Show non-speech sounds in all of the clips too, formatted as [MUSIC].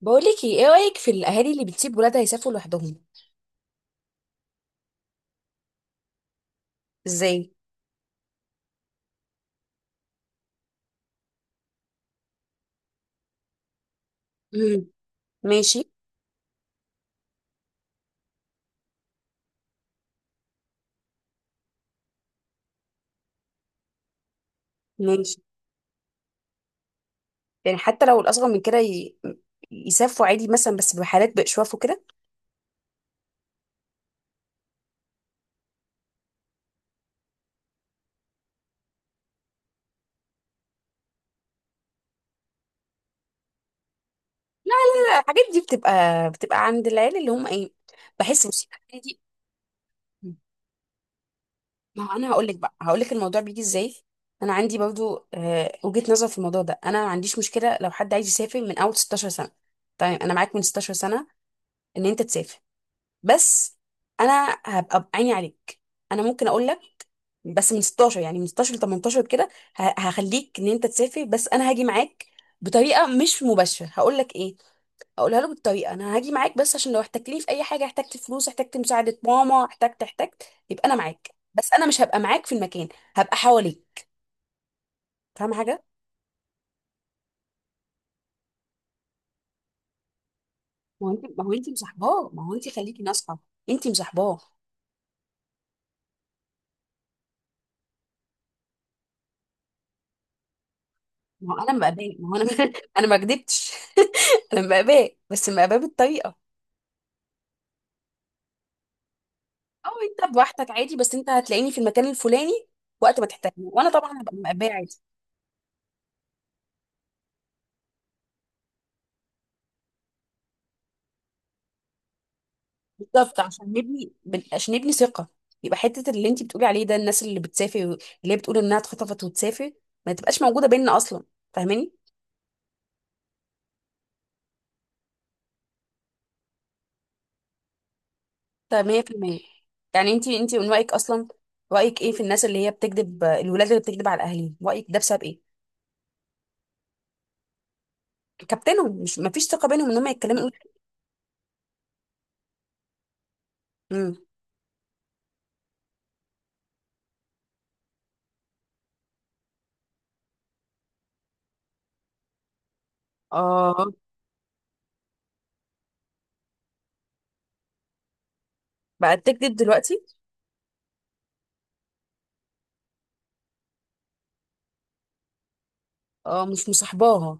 بقولك ايه، إيه رأيك في الأهالي اللي بتسيب ولادها يسافروا لوحدهم؟ ازاي؟ مم. ماشي. ماشي. يعني حتى لو الأصغر من كده يسافروا عادي مثلا، بس بحالات بإشواف وكده. لا لا لا، الحاجات دي بتبقى، بتبقى عند العيال اللي هم ايه. بحس، بصي الحاجات دي ما هو أنا هقول لك بقى، هقول لك الموضوع بيجي ازاي. أنا عندي برضو وجهة نظر في الموضوع ده. أنا ما عنديش مشكلة لو حد عايز يسافر من أول 16 سنة. طيب أنا معاك من 16 سنة إن أنت تسافر، بس انا هبقى بعيني عليك. انا ممكن اقول لك بس من 16، يعني من 16 ل 18 كده. هخليك ان انت تسافر، بس انا هاجي معاك. بطريقه مش مباشره هقول لك ايه، اقولها له بالطريقه. انا هاجي معاك بس عشان لو احتجتني في اي حاجه، احتجت فلوس، احتجت مساعده ماما، احتجت يبقى انا معاك، بس انا مش هبقى معاك في المكان. هبقى حواليك. فاهم حاجه؟ ما هو انت مصاحباه، ما هو انت خليكي ناصحه. انت مصاحباه. ما هو انا مقاباه ما هو انا [LAUGHS] انا ما كدبتش. [LAUGHS] انا مقاباه، بس مقاباه بالطريقه. او انت بوحدك عادي، بس انت هتلاقيني في المكان الفلاني وقت ما تحتاجني، وانا طبعا هبقى مقبيه عادي. بالظبط، عشان نبني عشان نبني ثقه. يبقى حته اللي انت بتقولي عليه ده، الناس اللي بتسافر اللي هي بتقول انها اتخطفت وتسافر، ما تبقاش موجوده بيننا اصلا. فاهماني؟ طيب 100%. يعني انت من رايك اصلا، رايك ايه في الناس اللي هي بتكذب، الولاد اللي بتكذب على اهاليهم؟ رايك ده بسبب ايه؟ كابتنهم، مش ما فيش ثقه بينهم ان هم يتكلموا يقولوا. امم. اه. بقت تكذب دلوقتي. اه، مش مصاحباها.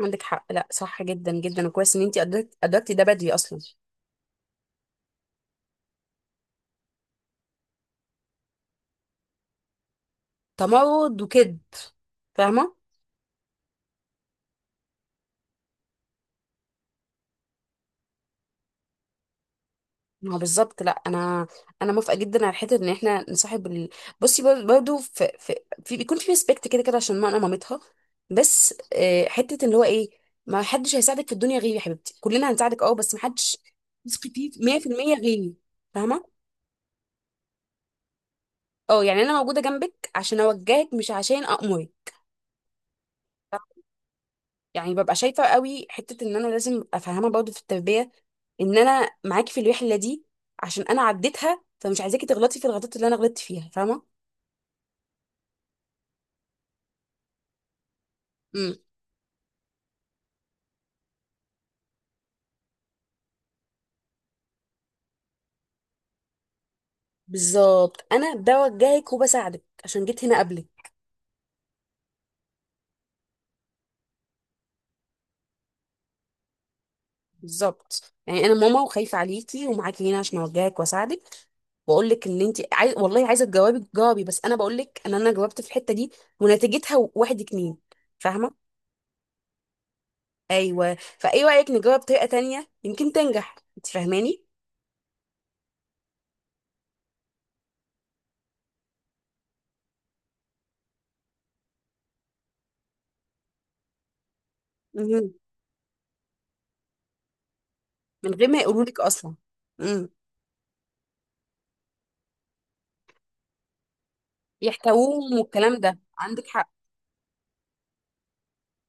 عندك حق، لا صح جدا جدا. وكويس ان انتي ادركتي ده بدري اصلا. تمرد وكذب. فاهمه. ما هو بالظبط. لا، انا موافقه جدا على حته ان احنا نصاحب بصي برضو في بيكون في ريسبكت كده كده، عشان ما انا مامتها. بس حته اللي هو ايه، ما حدش هيساعدك في الدنيا غيري يا حبيبتي، كلنا هنساعدك اه، بس ما حدش تثقي فيه 100% غيري. فاهمه؟ اه، يعني انا موجوده جنبك عشان اوجهك، مش عشان امرك. يعني ببقى شايفه قوي حته ان انا لازم ابقى فاهمه برضه في التربيه ان انا معاكي في الوحله دي، عشان انا عديتها فمش عايزاكي تغلطي في الغلطات اللي انا غلطت فيها. فاهمه؟ امم. بالظبط، انا بوجهك وبساعدك عشان جيت هنا قبلك. بالظبط، يعني انا ماما وخايفه عليكي ومعاكي هنا عشان اوجهك واساعدك، واقول لك اللي انت عايز. والله عايزه تجاوبي تجاوبي، بس انا بقول لك ان انا جاوبت في الحته دي ونتيجتها واحد اتنين. فاهمه؟ ايوه، فايه رايك نجاوب بطريقه تانية يمكن تنجح؟ انت فاهماني؟ مهم. من غير ما يقولوا لك اصلا. إمم. يحتووهم والكلام ده، عندك حق.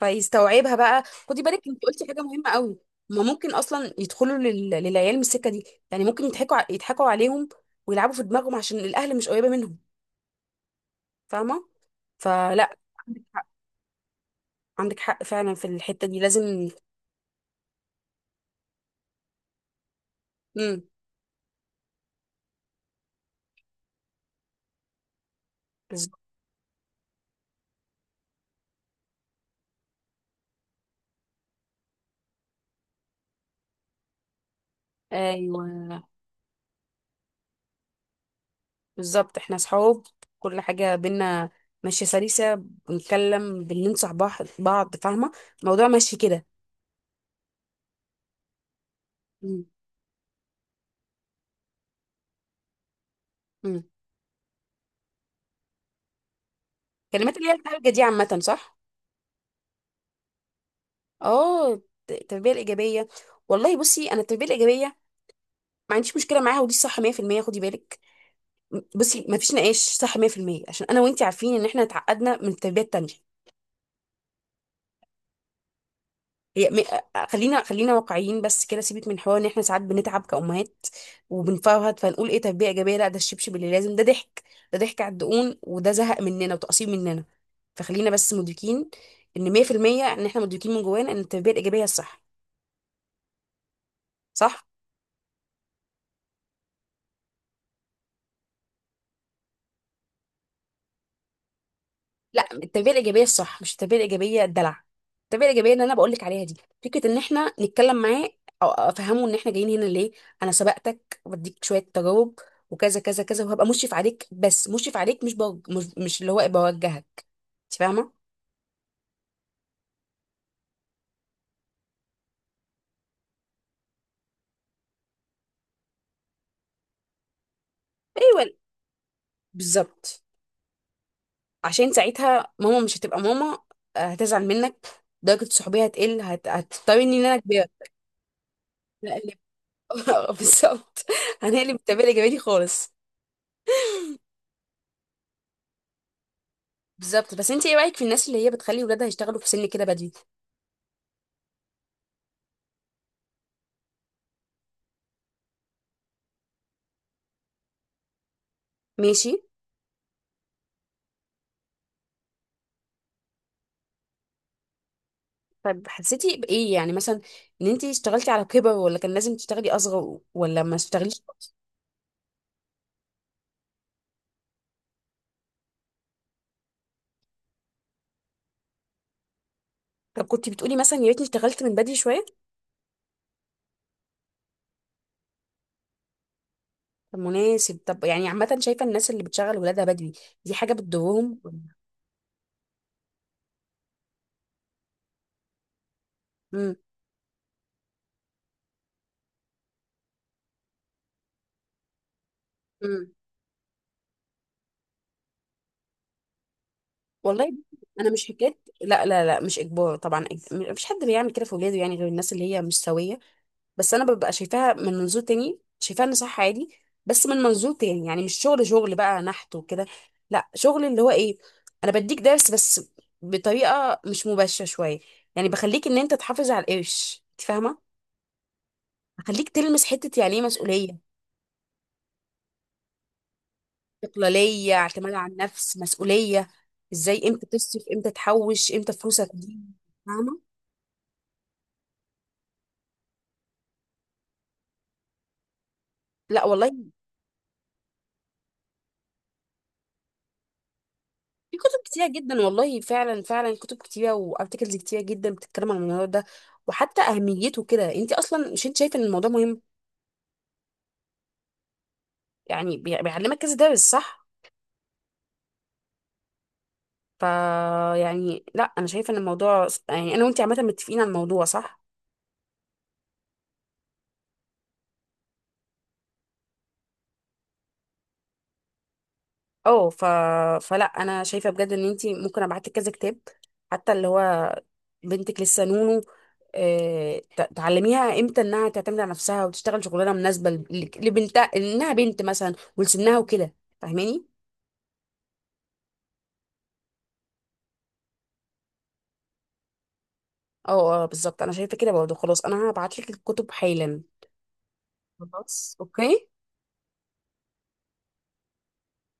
فيستوعبها بقى. خدي بالك، انت قلتي حاجه مهمه قوي. هما ممكن اصلا يدخلوا للعيال من السكه دي، يعني ممكن يضحكوا يضحكوا عليهم ويلعبوا في دماغهم عشان الاهل مش قريبه منهم. فاهمه؟ فلا، عندك حق. عندك حق فعلا، في الحته دي لازم. امم. بالظبط. ايوه بالظبط، احنا صحاب، كل حاجه بينا ماشيه سلسه، بنتكلم بننصح بعض بعض. فاهمه؟ الموضوع ماشي كده. امم. امم. كلمات اللي هي الحاجه دي عامه، صح؟ اه، التربيه الايجابيه. والله بصي، انا التربيه الايجابيه ما عنديش مشكله معاها، ودي صح 100%. خدي بالك، بصي ما فيش نقاش، صح 100%. عشان انا وانتي عارفين ان احنا اتعقدنا من التربيه التانيه. هي م... خلينا، خلينا واقعيين. بس كده سيبك من حوار ان احنا ساعات بنتعب كأمهات وبنفرهد فنقول ايه تربيه ايجابيه، لا ده الشبشب اللي لازم. ده ضحك، ده ضحك على الدقون، وده زهق مننا وتقصير مننا. فخلينا بس مدركين ان 100% ان احنا مدركين من جوانا ان التربيه الايجابيه الصح. صح. لا، التربيه الايجابيه الصح مش التربيه الايجابيه الدلع. التربيه الايجابيه اللي انا بقول لك عليها دي فكره ان احنا نتكلم معاه، او افهمه ان احنا جايين هنا ليه. انا سبقتك وبديك شويه تجارب، وكذا كذا كذا، وهبقى مشرف عليك، بس مشرف عليك مش مش اللي هو بوجهك. انت فاهمه؟ ايوه بالظبط، عشان ساعتها ماما مش هتبقى ماما، هتزعل منك. درجه الصحوبيه هتقل، هتضطرني ان انا كبيره. لا، اللي- [LAUGHS] بالظبط، هنقلب التربيه الايجابيه دي خالص. بالظبط. بس انت ايه رايك في الناس اللي هي بتخلي ولادها يشتغلوا في سن كده بدري؟ ماشي. طب حسيتي بايه يعني مثلا؟ ان انت اشتغلتي على كبر، ولا كان لازم تشتغلي اصغر، ولا ما اشتغليش خالص؟ طب كنت بتقولي مثلا يا ريتني اشتغلت من بدري شويه؟ طب مناسب. طب يعني عامه، شايفه الناس اللي بتشغل ولادها بدري دي حاجه بتضرهم؟ امم. امم. والله انا مش حكايه، لا لا لا مش اجبار طبعا، مفيش حد بيعمل كده في ولاده يعني، غير الناس اللي هي مش سويه. بس انا ببقى شايفاها من منظور تاني، شايفاها ان صح عادي. بس من منظور تاني يعني مش شغل شغل بقى نحت وكده، لا شغل اللي هو ايه، انا بديك درس بس بطريقه مش مباشره شويه. يعني بخليك ان انت تحافظ على القرش. انت فاهمه؟ بخليك تلمس حته يعني ايه مسؤوليه. استقلاليه، اعتماد على النفس، مسؤوليه، ازاي، امتى تصرف، امتى تحوش، امتى فلوسك دي. فاهمه؟ لا والله. في كتب كتيرة جدا والله، فعلا فعلا كتب كتيرة وارتكلز كتيرة جدا بتتكلم عن الموضوع ده وحتى أهميته كده. انت أصلا مش انت شايفة ان الموضوع مهم؟ يعني بيعلمك كذا درس، صح؟ فا يعني لا، أنا شايفة ان الموضوع، يعني أنا وانت عامة متفقين على الموضوع، صح؟ اه ف... فلا أنا شايفة بجد ان انت ممكن أبعتلك كذا كتاب، حتى اللي هو بنتك لسه نونو، تعلميها امتى انها تعتمد على نفسها، وتشتغل شغلانه مناسبه لبنتها، انها بنت مثلا ولسنها وكده. فاهماني؟ اه اه بالظبط، انا شايفه كده برضه. خلاص انا هبعت لك الكتب حالا. خلاص، اوكي.